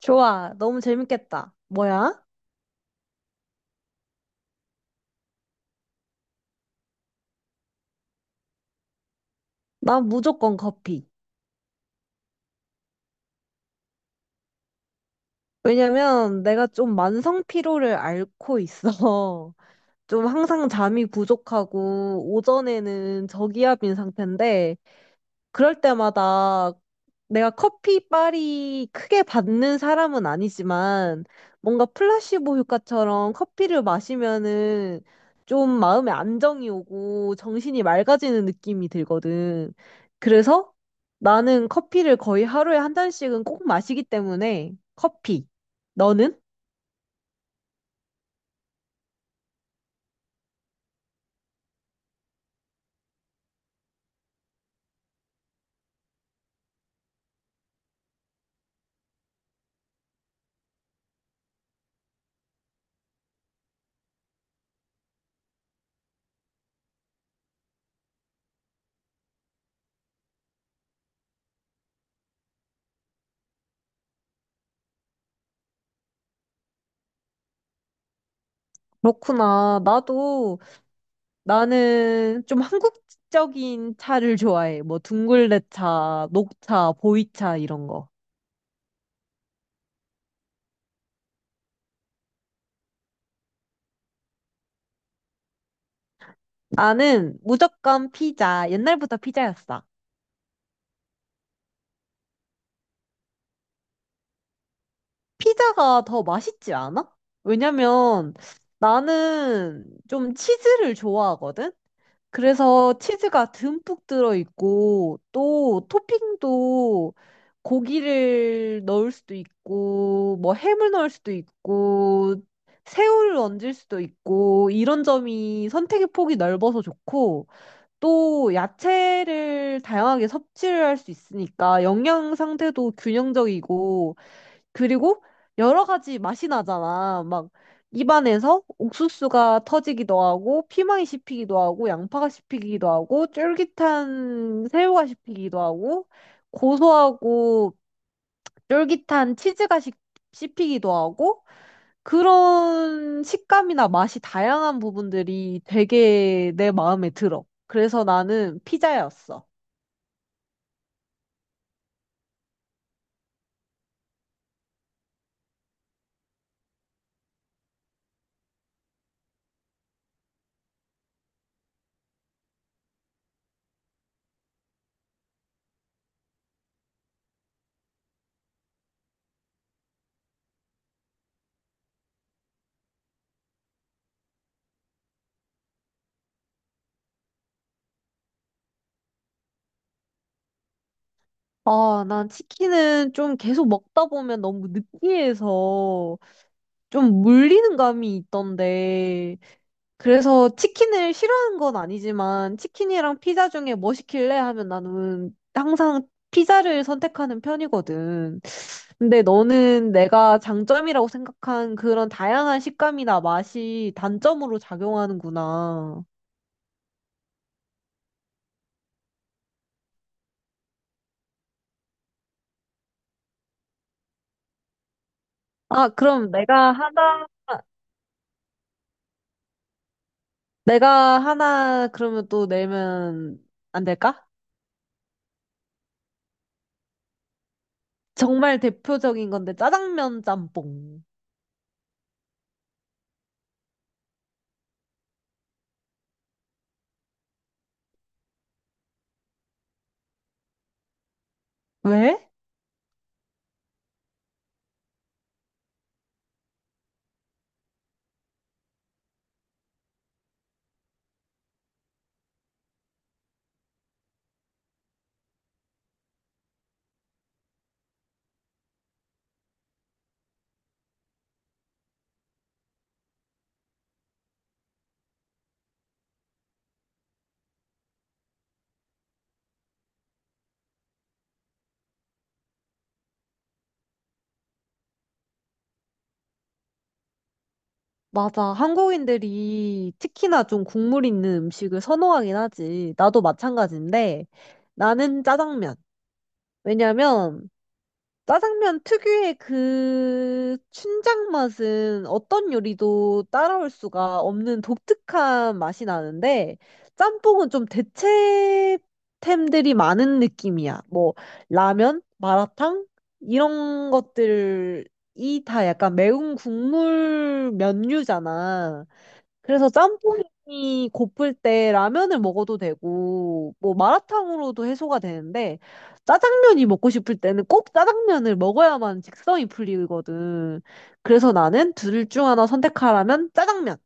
좋아. 너무 재밌겠다. 뭐야? 난 무조건 커피. 왜냐면 내가 좀 만성 피로를 앓고 있어. 좀 항상 잠이 부족하고 오전에는 저기압인 상태인데 그럴 때마다 내가 커피 빨이 크게 받는 사람은 아니지만 뭔가 플라시보 효과처럼 커피를 마시면은 좀 마음에 안정이 오고 정신이 맑아지는 느낌이 들거든. 그래서 나는 커피를 거의 하루에 한 잔씩은 꼭 마시기 때문에 커피. 너는? 그렇구나. 나도 나는 좀 한국적인 차를 좋아해. 뭐 둥글레차, 녹차, 보이차 이런 거. 나는 무조건 피자. 옛날부터 피자였어. 피자가 더 맛있지 않아? 왜냐면 나는 좀 치즈를 좋아하거든? 그래서 치즈가 듬뿍 들어있고 또 토핑도 고기를 넣을 수도 있고 뭐 햄을 넣을 수도 있고 새우를 얹을 수도 있고 이런 점이 선택의 폭이 넓어서 좋고 또 야채를 다양하게 섭취를 할 수 있으니까 영양 상태도 균형적이고 그리고 여러 가지 맛이 나잖아. 막 입안에서 옥수수가 터지기도 하고 피망이 씹히기도 하고 양파가 씹히기도 하고 쫄깃한 새우가 씹히기도 하고 고소하고 쫄깃한 치즈가 씹히기도 하고 그런 식감이나 맛이 다양한 부분들이 되게 내 마음에 들어. 그래서 나는 피자였어. 아, 난 치킨은 좀 계속 먹다 보면 너무 느끼해서 좀 물리는 감이 있던데, 그래서 치킨을 싫어하는 건 아니지만 치킨이랑 피자 중에 뭐 시킬래 하면 나는 항상 피자를 선택하는 편이거든. 근데 너는 내가 장점이라고 생각한 그런 다양한 식감이나 맛이 단점으로 작용하는구나. 아, 그럼 내가 하나, 내가 하나 그러면 또 내면 안 될까? 정말 대표적인 건데 짜장면 짬뽕. 왜? 맞아. 한국인들이 특히나 좀 국물 있는 음식을 선호하긴 하지. 나도 마찬가지인데 나는 짜장면. 왜냐면 짜장면 특유의 그 춘장 맛은 어떤 요리도 따라올 수가 없는 독특한 맛이 나는데 짬뽕은 좀 대체템들이 많은 느낌이야. 뭐 라면, 마라탕 이런 것들이 다 약간 매운 국물 면류잖아. 그래서 짬뽕이 고플 때 라면을 먹어도 되고, 뭐 마라탕으로도 해소가 되는데, 짜장면이 먹고 싶을 때는 꼭 짜장면을 먹어야만 직성이 풀리거든. 그래서 나는 둘 중 하나 선택하라면 짜장면.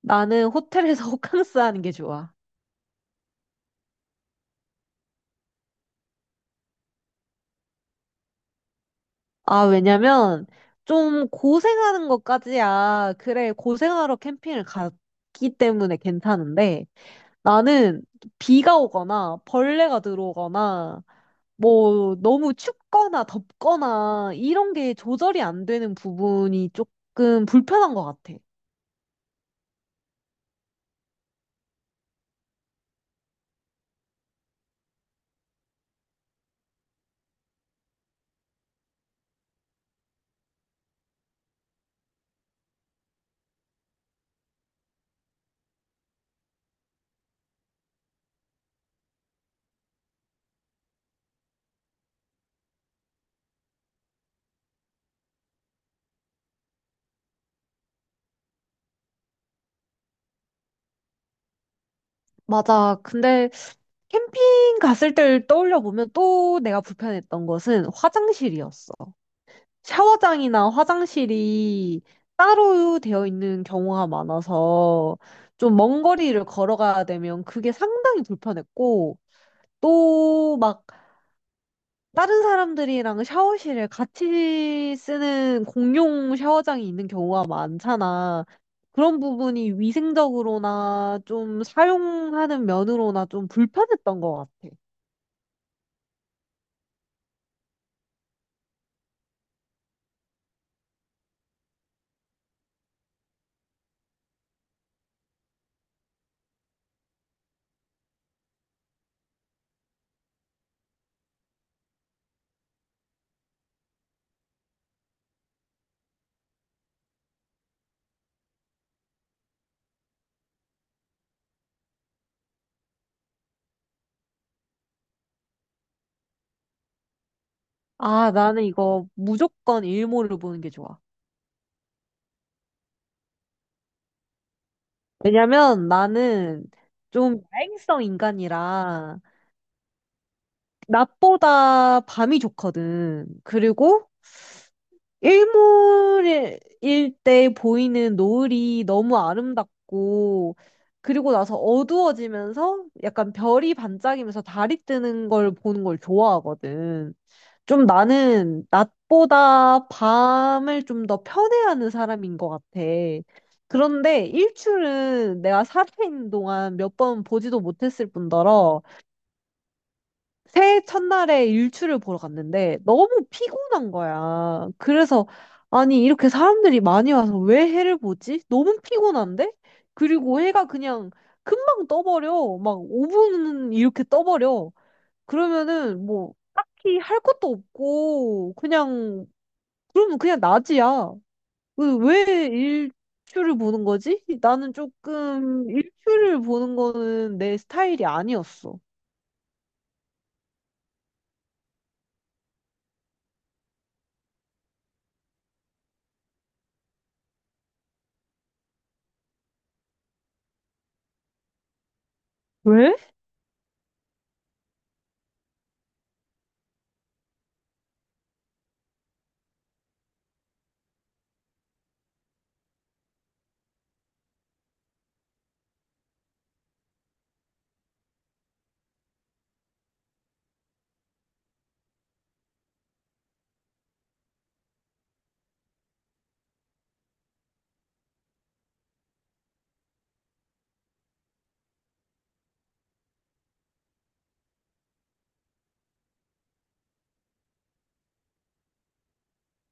나는 호텔에서 호캉스 하는 게 좋아. 아, 왜냐면 좀 고생하는 것까지야. 그래, 고생하러 캠핑을 갔기 때문에 괜찮은데, 나는 비가 오거나 벌레가 들어오거나, 뭐 너무 춥거나 덥거나 이런 게 조절이 안 되는 부분이 조금 불편한 것 같아. 맞아. 근데 캠핑 갔을 때를 떠올려 보면 또 내가 불편했던 것은 화장실이었어. 샤워장이나 화장실이 따로 되어 있는 경우가 많아서 좀 먼 거리를 걸어가야 되면 그게 상당히 불편했고 또막 다른 사람들이랑 샤워실을 같이 쓰는 공용 샤워장이 있는 경우가 많잖아. 그런 부분이 위생적으로나 좀 사용하는 면으로나 좀 불편했던 것 같아. 아, 나는 이거 무조건 일몰을 보는 게 좋아. 왜냐면 나는 좀 야행성 인간이라 낮보다 밤이 좋거든. 그리고 일몰일 때 보이는 노을이 너무 아름답고, 그리고 나서 어두워지면서 약간 별이 반짝이면서 달이 뜨는 걸 보는 걸 좋아하거든. 좀 나는 낮보다 밤을 좀 더 편애하는 사람인 것 같아. 그런데 일출은 내가 살아있는 동안 몇 번 보지도 못했을 뿐더러 새해 첫날에 일출을 보러 갔는데 너무 피곤한 거야. 그래서 아니 이렇게 사람들이 많이 와서 왜 해를 보지? 너무 피곤한데? 그리고 해가 그냥 금방 떠버려. 막 5분 이렇게 떠버려. 그러면은 뭐 딱히 할 것도 없고 그냥 그러면 그냥 낮이야. 그래서 왜 일출을 보는 거지? 나는 조금 일출을 보는 거는 내 스타일이 아니었어. 왜?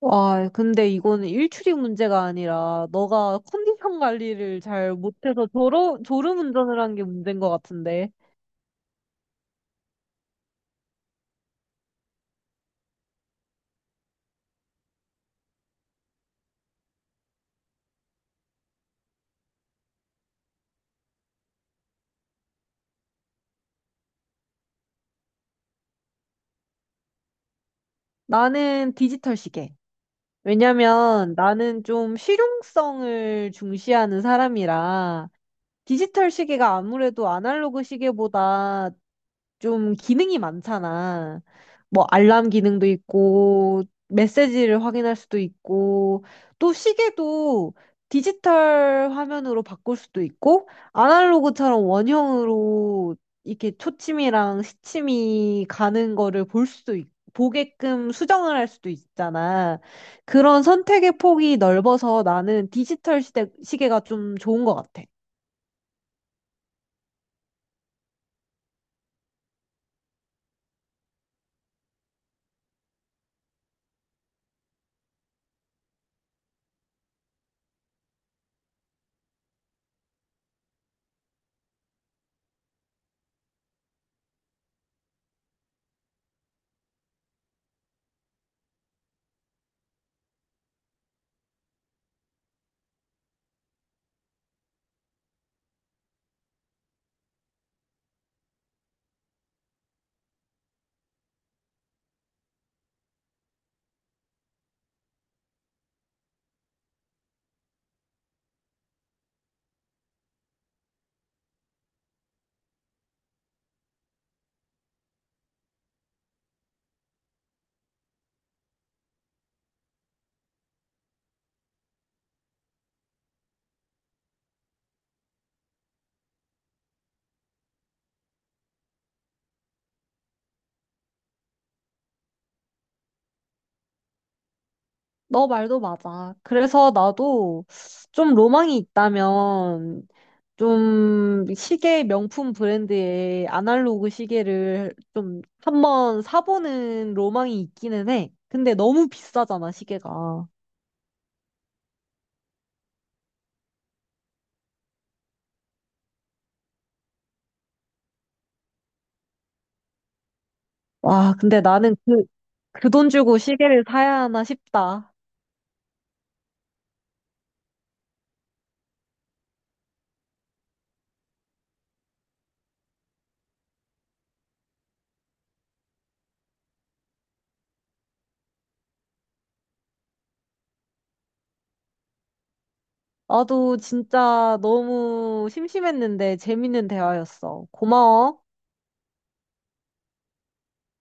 와, 근데 이거는 일출이 문제가 아니라 너가 컨디션 관리를 잘 못해서 졸음 운전을 한 게 문제인 것 같은데. 나는 디지털 시계. 왜냐면 나는 좀 실용성을 중시하는 사람이라 디지털 시계가 아무래도 아날로그 시계보다 좀 기능이 많잖아. 뭐 알람 기능도 있고 메시지를 확인할 수도 있고 또 시계도 디지털 화면으로 바꿀 수도 있고 아날로그처럼 원형으로 이렇게 초침이랑 시침이 가는 거를 볼 수도 보게끔 수정을 할 수도 있잖아. 그런 선택의 폭이 넓어서 나는 시계가 좀 좋은 것 같아. 너 말도 맞아. 그래서 나도 좀 로망이 있다면 좀 시계 명품 브랜드의 아날로그 시계를 좀 한번 사보는 로망이 있기는 해. 근데 너무 비싸잖아, 시계가. 와, 그 돈 주고 시계를 사야 하나 싶다. 나도 진짜 너무 심심했는데 재밌는 대화였어. 고마워.